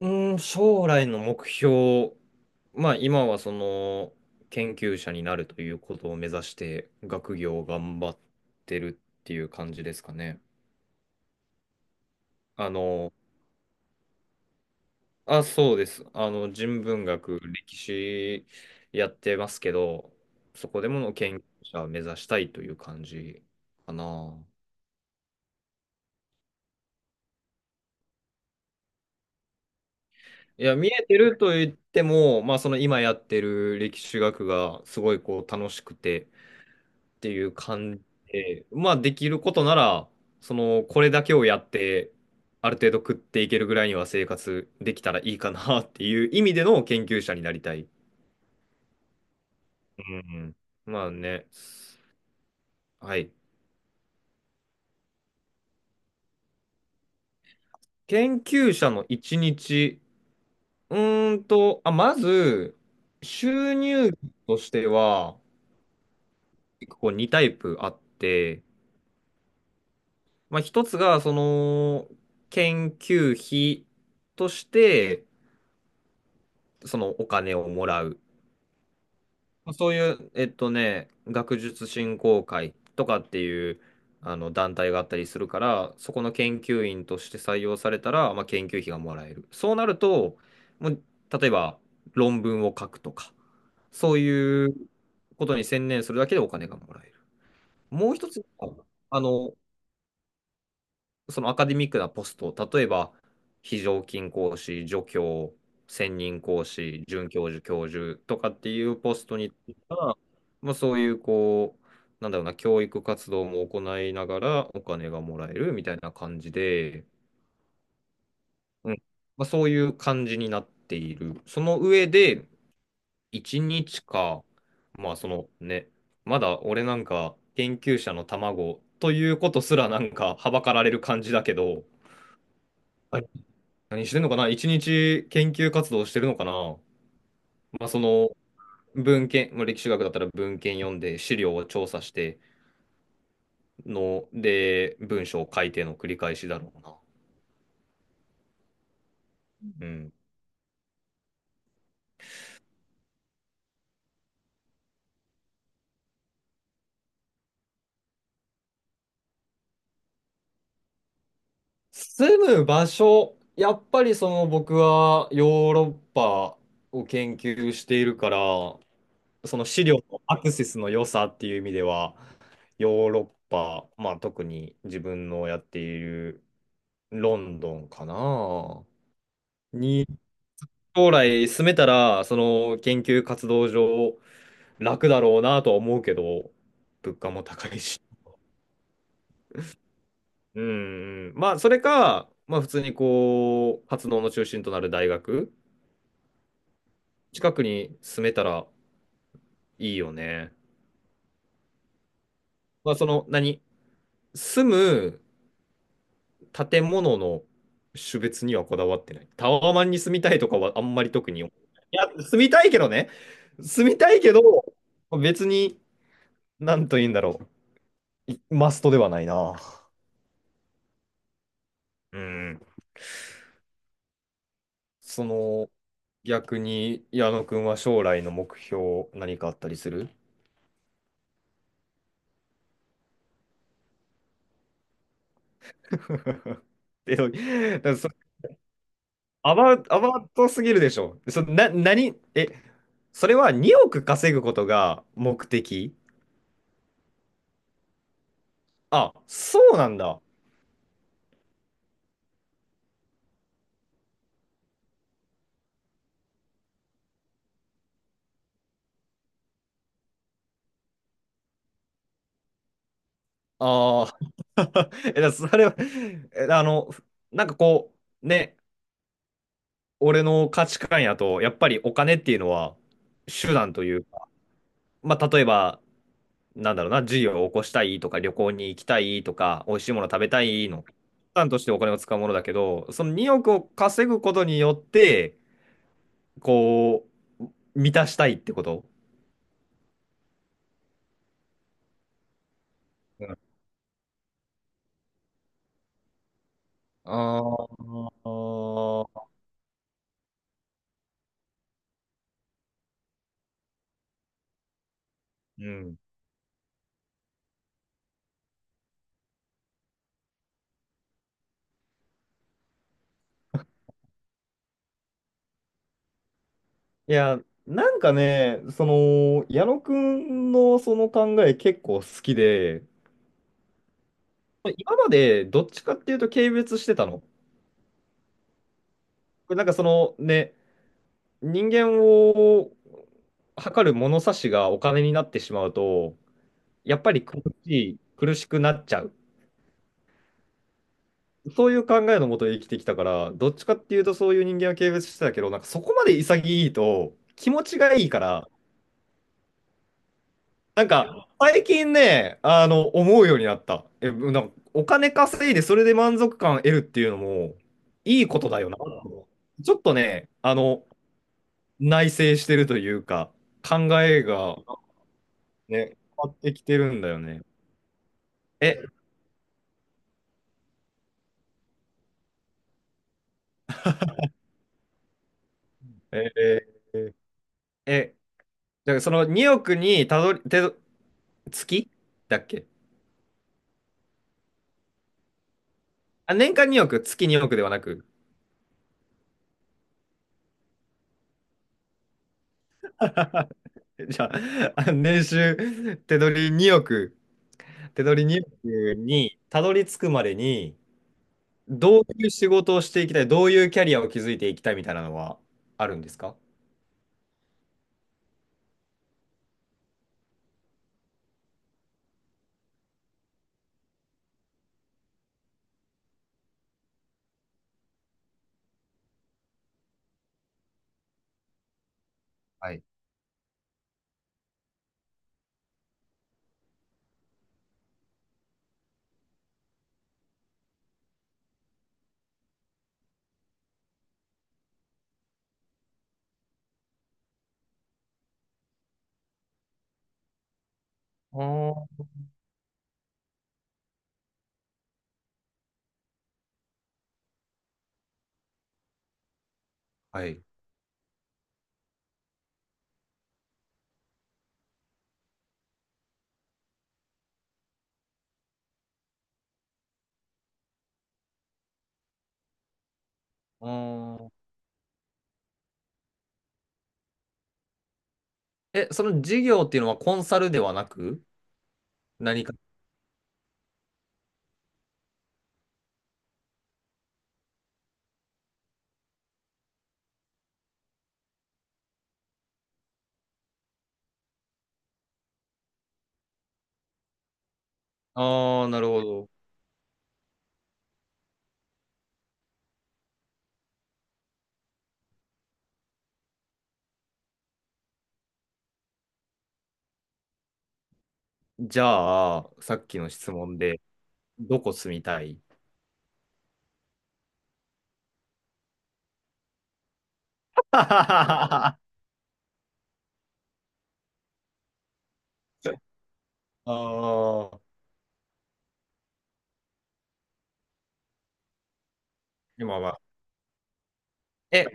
う将来の目標、まあ今はその研究者になるということを目指して学業を頑張ってるっていう感じですかね。あの、あ、そうです。人文学、歴史やってますけど、そこでもの研究者を目指したいという感じかな。いや、見えてると言っても、まあその今やってる歴史学がすごいこう楽しくて、っていう感じで、まあできることなら、その、これだけをやって、ある程度食っていけるぐらいには生活できたらいいかなっていう意味での研究者になりたい。うんうん。まあね、はい。研究者の一日、あ、まず、収入としては、結構2タイプあって、まあ一つが、その、研究費として、そのお金をもらう。そういう、学術振興会とかっていうあの団体があったりするから、そこの研究員として採用されたら、まあ、研究費がもらえる。そうなると、もう例えば論文を書くとか、そういうことに専念するだけでお金がもらえる。もう一つ、あの、そのアカデミックなポスト、例えば、非常勤講師、助教、専任講師、准教授、教授とかっていうポストについては、まあ、そういう、こう、なんだろうな、教育活動も行いながらお金がもらえるみたいな感じで、うん、まあ、そういう感じになっている。その上で、1日か、まあ、そのね、まだ俺なんか研究者の卵ということすらなんかはばかられる感じだけど、何してんのかな、一日研究活動してるのかな。まあ、その文献、まあ、歴史学だったら文献読んで資料を調査しての、で、文章を書いての繰り返しだろうな。うん。住む場所、やっぱりその僕はヨーロッパを研究しているから、その資料のアクセスの良さっていう意味では、ヨーロッパ、まあ特に自分のやっているロンドンかな。に将来進めたら、その研究活動上楽だろうなとは思うけど、物価も高いし。うん、うん。まあ、それか、まあ、普通にこう、活動の中心となる大学、近くに住めたらいいよね。まあ、その、何、住む建物の種別にはこだわってない。タワマンに住みたいとかはあんまり特に思う。いや、住みたいけどね。住みたいけど、別に、なんと言うんだろう。マストではないな。うん。その、逆に矢野くんは将来の目標何かあったりする？ え、だからそアバウトすぎるでしょ。そ、な、何、え、それは2億稼ぐことが目的？あ、そうなんだ。ああ。え、それは、え、なんかこう、ね、俺の価値観やと、やっぱりお金っていうのは手段というか、まあ、例えば、なんだろうな、事業を起こしたいとか、旅行に行きたいとか、美味しいもの食べたいの、手段としてお金を使うものだけど、その2億を稼ぐことによって、こう、満たしたいってこと？うん。あーあ。うん。いや、なんかね、その、矢野くんのその考え結構好きで、今までどっちかっていうと軽蔑してたの。なんかそのね、人間を測る物差しがお金になってしまうと、やっぱり苦しくなっちゃう。そういう考えのもと生きてきたから、どっちかっていうとそういう人間は軽蔑してたけど、なんかそこまで潔いと気持ちがいいから、なんか最近ね、思うようになった。え、なんかお金稼いでそれで満足感得るっていうのもいいことだよな。ちょっとね、内省してるというか、考えがね、変わってきてるんだよね。え、えーえ、だからその2億にたどり、てど月だっけ？あ、年間2億、月2億ではなく。じゃあ、あ年収、手取り2億、手取り2億にたどり着くまでに、どういう仕事をしていきたい、どういうキャリアを築いていきたいみたいなのはあるんですか？はい。あー。はい。あー。え、その事業っていうのはコンサルではなく、何か。ああ、なるほど。じゃあ、さっきの質問で、どこ住みたい？ ああ、今は。え、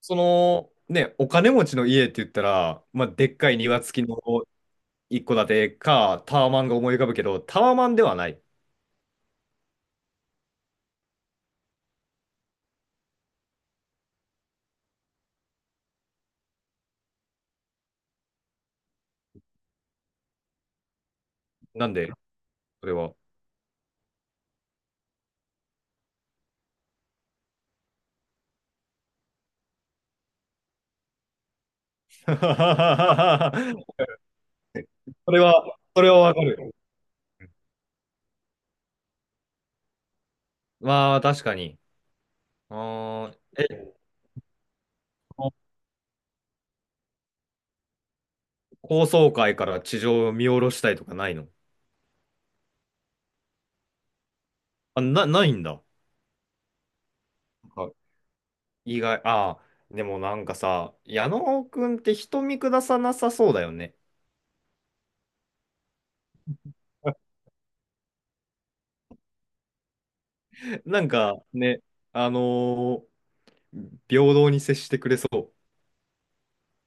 その、ね、お金持ちの家って言ったら、まあ、でっかい庭付きの一戸建てか、タワマンが思い浮かぶけど、タワマンではない。なんで、それは。それは、それはわかる。まあ、確かに。ああ、え、高層階から地上を見下ろしたいとかないの？あ、な、ないんだ。意外。ああ、でもなんかさ、矢野くんって人見下さなさそうだよね。なんかね、あのー平等に接してくれそう。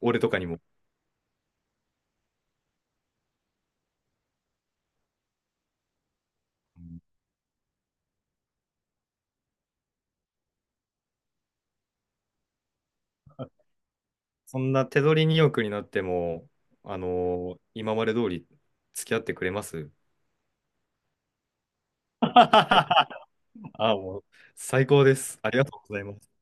俺とかにも。うん。そんな手取りによくになっても、あの今まで通り付き合ってくれます？ ああ、もう最高です。ありがとうございます。